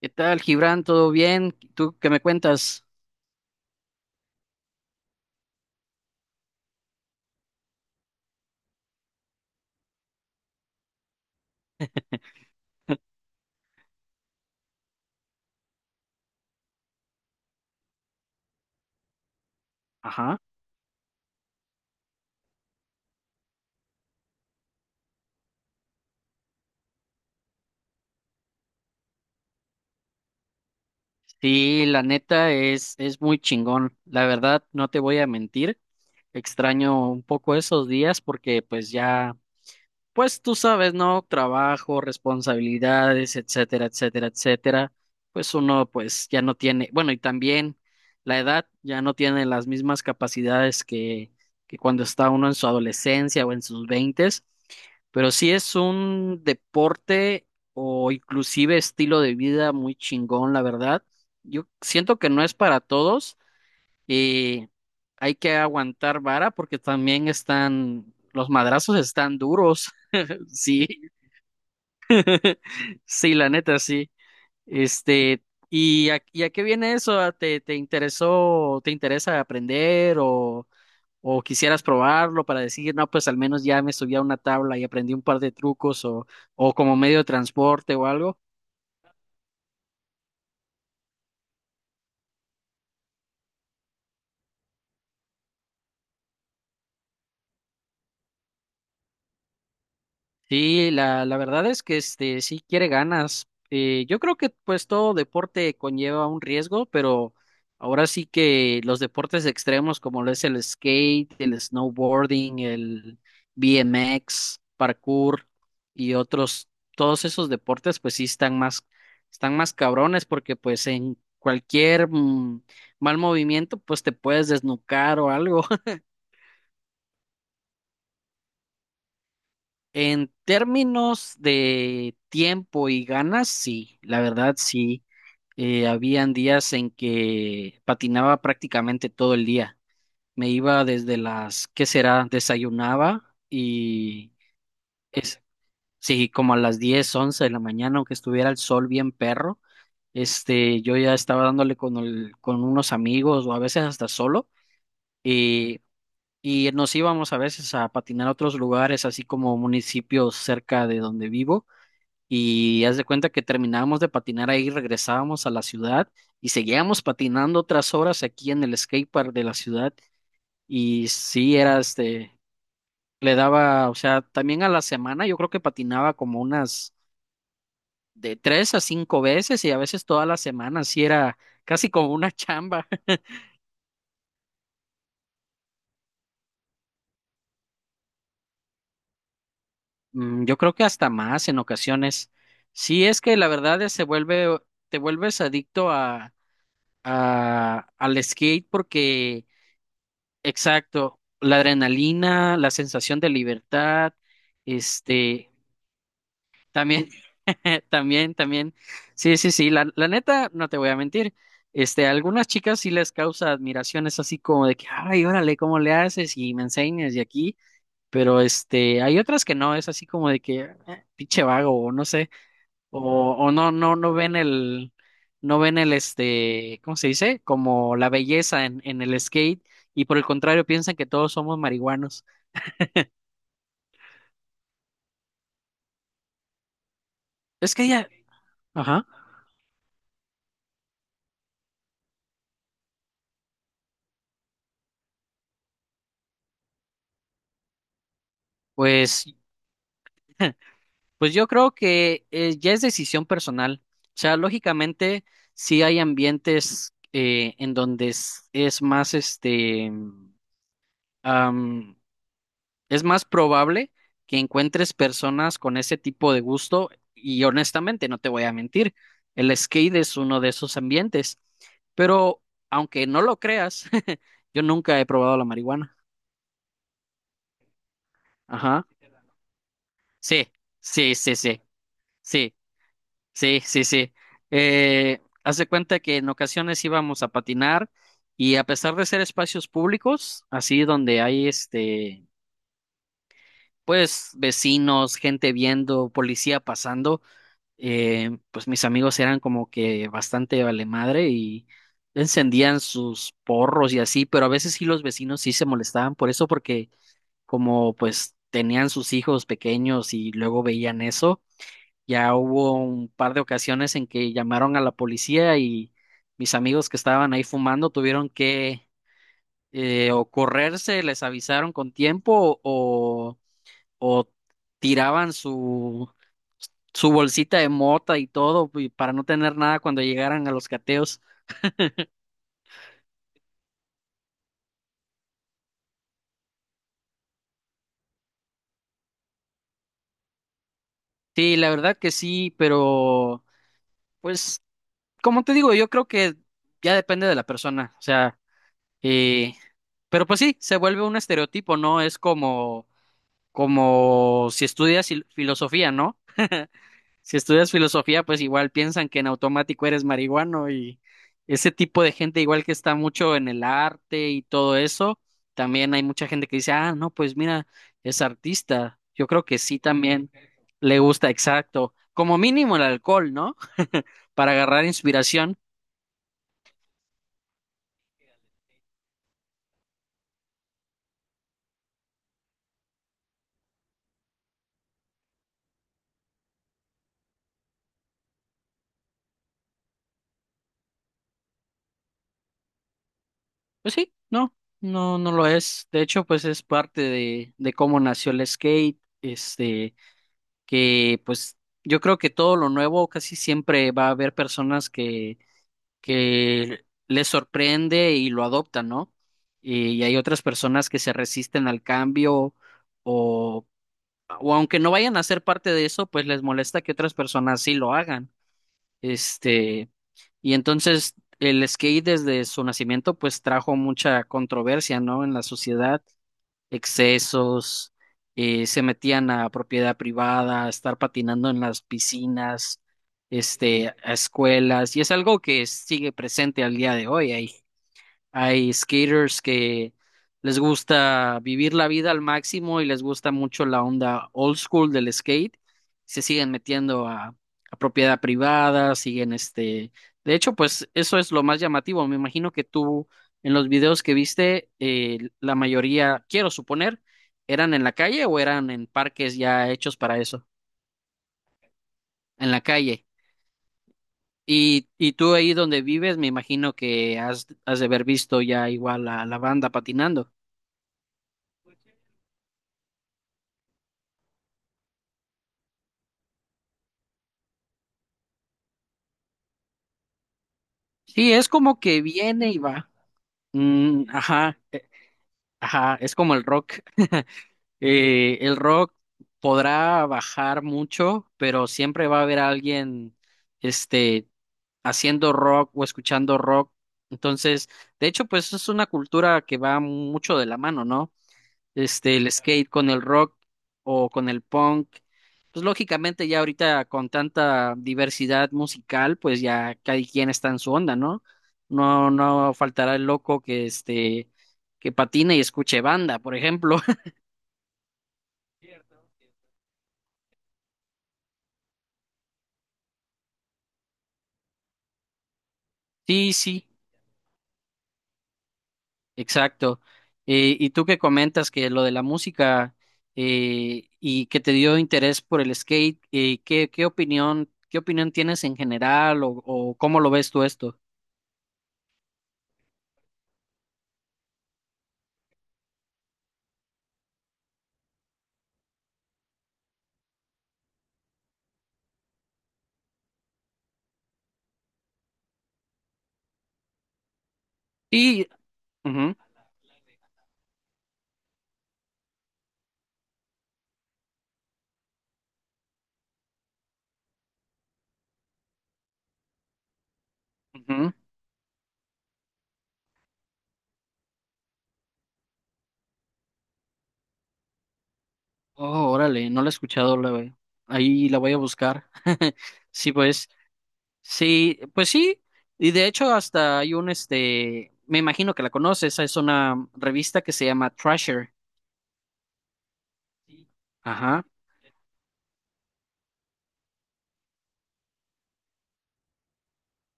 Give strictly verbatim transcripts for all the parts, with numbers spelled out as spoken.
¿Qué tal, Gibran? ¿Todo bien? ¿Tú qué me cuentas? Ajá. Sí, la neta es, es muy chingón. La verdad, no te voy a mentir. Extraño un poco esos días porque pues ya. Pues tú sabes, ¿no? Trabajo, responsabilidades, etcétera, etcétera, etcétera. Pues uno pues ya no tiene, bueno, y también la edad ya no tiene las mismas capacidades que, que cuando está uno en su adolescencia o en sus veintes, pero sí es un deporte o inclusive estilo de vida muy chingón, la verdad. Yo siento que no es para todos. Y hay que aguantar vara porque también están, los madrazos están duros. Sí, sí, la neta, sí. Este, ¿Y a, y a qué viene eso? ¿Te, te interesó, te interesa aprender o, o quisieras probarlo para decir, no, pues al menos ya me subí a una tabla y aprendí un par de trucos o, o como medio de transporte o algo? Sí, la, la verdad es que este sí quiere ganas. Eh, yo creo que pues todo deporte conlleva un riesgo, pero ahora sí que los deportes extremos como lo es el skate, el snowboarding, el B M X, parkour y otros, todos esos deportes pues sí están más, están más cabrones porque pues en cualquier mm, mal movimiento pues te puedes desnucar o algo. En términos de tiempo y ganas, sí, la verdad sí. Eh, habían días en que patinaba prácticamente todo el día. Me iba desde las, ¿qué será? Desayunaba y es, sí, como a las diez, once de la mañana, aunque estuviera el sol bien perro, este, yo ya estaba dándole con el- con unos amigos o a veces hasta solo y, y nos íbamos a veces a patinar a otros lugares, así como municipios cerca de donde vivo. Y haz de cuenta que terminábamos de patinar ahí, regresábamos a la ciudad y seguíamos patinando otras horas aquí en el skatepark de la ciudad. Y sí, era este, le daba, o sea, también a la semana yo creo que patinaba como unas de tres a cinco veces y a veces toda la semana, sí era casi como una chamba. Mm, Yo creo que hasta más en ocasiones. Sí, es que la verdad es se vuelve, te vuelves adicto a, a, al skate porque. Exacto, la adrenalina, la sensación de libertad, este, también, también, también, sí, sí, sí, la, la neta, no te voy a mentir, este, a algunas chicas sí les causa admiración, es así como de que, ay, órale, ¿cómo le haces? Y me enseñas y aquí, pero este, hay otras que no, es así como de que, "Eh, pinche vago, o no sé, o, o no, no, no ven el, no ven el este, ¿cómo se dice? Como la belleza en, en el skate, y por el contrario piensan que todos somos marihuanos. Es que ya, ajá, pues, pues yo creo que eh, ya es decisión personal. O sea, lógicamente, sí hay ambientes eh, en donde es, es más. Este Es más probable que encuentres personas con ese tipo de gusto y honestamente, no te voy a mentir, el skate es uno de esos ambientes. Pero aunque no lo creas, yo nunca he probado la marihuana. Ajá. Sí, sí, sí, sí, sí, sí, sí, sí. Eh, haz de cuenta que en ocasiones íbamos a patinar y a pesar de ser espacios públicos, así donde hay este, pues vecinos, gente viendo, policía pasando. eh, pues mis amigos eran como que bastante vale madre y encendían sus porros y así, pero a veces sí los vecinos sí se molestaban por eso, porque como pues tenían sus hijos pequeños y luego veían eso, ya hubo un par de ocasiones en que llamaron a la policía y mis amigos que estaban ahí fumando tuvieron que eh, o correrse, les avisaron con tiempo o, o tiraban su su bolsita de mota y todo, y para no tener nada cuando llegaran a los cateos. Sí, la verdad que sí, pero pues, como te digo, yo creo que ya depende de la persona, o sea, eh, pero pues sí, se vuelve un estereotipo, ¿no? Es como, como si estudias fil- filosofía, ¿no? Si estudias filosofía, pues igual piensan que en automático eres marihuano y ese tipo de gente igual que está mucho en el arte y todo eso, también hay mucha gente que dice, ah, no, pues mira, es artista. Yo creo que sí también le gusta, exacto. Como mínimo el alcohol, ¿no? Para agarrar inspiración. Pues sí, no, no, no lo es. De hecho, pues es parte de, de cómo nació el skate, este, que pues yo creo que todo lo nuevo casi siempre va a haber personas que que les sorprende y lo adoptan, ¿no? Y, y hay otras personas que se resisten al cambio o, o aunque no vayan a ser parte de eso, pues les molesta que otras personas sí lo hagan. Este, y entonces el skate desde su nacimiento pues trajo mucha controversia, ¿no? En la sociedad excesos, eh, se metían a propiedad privada, a estar patinando en las piscinas, este, a escuelas, y es algo que sigue presente al día de hoy. Hay hay skaters que les gusta vivir la vida al máximo y les gusta mucho la onda old school del skate. Se siguen metiendo a, a propiedad privada, siguen. este... De hecho, pues eso es lo más llamativo. Me imagino que tú en los videos que viste, eh, la mayoría, quiero suponer, eran en la calle o eran en parques ya hechos para eso, en la calle. Y, y tú ahí donde vives, me imagino que has, has de haber visto ya igual a la banda patinando. Sí, es como que viene y va. Mm, ajá, ajá, es como el rock. Eh, el rock podrá bajar mucho, pero siempre va a haber alguien, este, haciendo rock o escuchando rock. Entonces, de hecho, pues es una cultura que va mucho de la mano, ¿no? este, el skate con el rock o con el punk. Pues lógicamente ya ahorita con tanta diversidad musical, pues ya cada quien está en su onda, ¿no? No, no faltará el loco que este, que patine y escuche banda, por ejemplo. Sí, sí, exacto. Eh, y tú que comentas que lo de la música eh, y que te dio interés por el skate, eh, ¿qué, qué opinión, qué opinión tienes en general o, o cómo lo ves tú esto? Sí, ujú, ujú. Oh, órale, no la he escuchado, la ve- ahí la voy a buscar. Sí, pues, sí, pues sí, y de hecho hasta hay un, este, me imagino que la conoces, es una revista que se llama Thrasher. Ajá.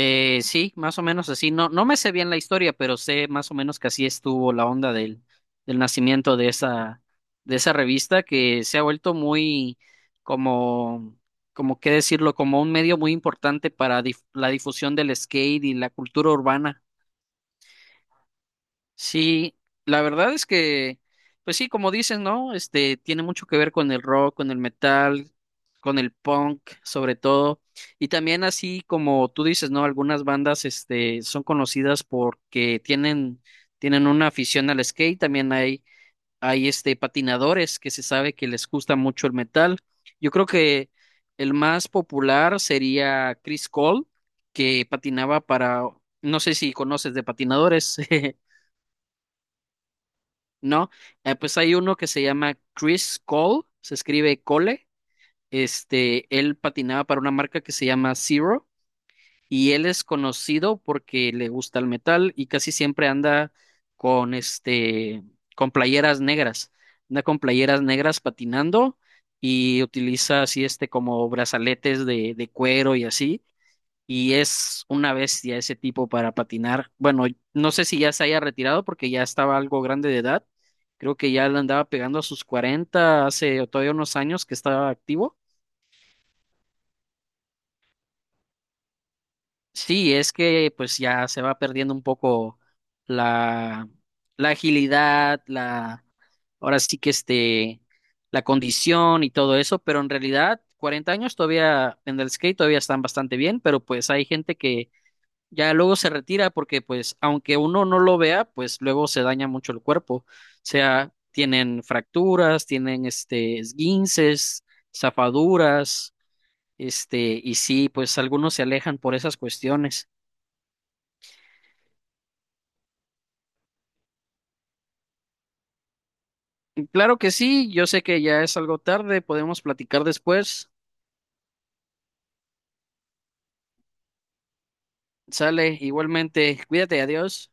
Eh, sí, más o menos así. No, no me sé bien la historia, pero sé más o menos que así estuvo la onda del, del nacimiento de esa, de esa revista que se ha vuelto muy, como, como qué decirlo, como un medio muy importante para dif- la difusión del skate y la cultura urbana. Sí, la verdad es que, pues sí, como dices, ¿no? Este tiene mucho que ver con el rock, con el metal, con el punk, sobre todo. Y también así como tú dices, ¿no? Algunas bandas, este, son conocidas porque tienen, tienen una afición al skate. También hay, hay este patinadores que se sabe que les gusta mucho el metal. Yo creo que el más popular sería Chris Cole, que patinaba para, no sé si conoces de patinadores. No, eh, pues hay uno que se llama Chris Cole, se escribe Cole. Este, él patinaba para una marca que se llama Zero y él es conocido porque le gusta el metal y casi siempre anda con este, con playeras negras. Anda con playeras negras patinando y utiliza así este como brazaletes de, de cuero y así y es una bestia ese tipo para patinar. Bueno, no sé si ya se haya retirado porque ya estaba algo grande de edad. Creo que ya le andaba pegando a sus cuarenta hace todavía unos años que estaba activo. Sí, es que pues ya se va perdiendo un poco la, la agilidad, la, ahora sí que este, la condición y todo eso, pero en realidad cuarenta años todavía en el skate todavía están bastante bien, pero pues hay gente que ya luego se retira porque pues aunque uno no lo vea, pues luego se daña mucho el cuerpo. O sea, tienen fracturas, tienen este esguinces, zafaduras, este, y sí, pues algunos se alejan por esas cuestiones. Y claro que sí, yo sé que ya es algo tarde, podemos platicar después. Sale, igualmente, cuídate, adiós.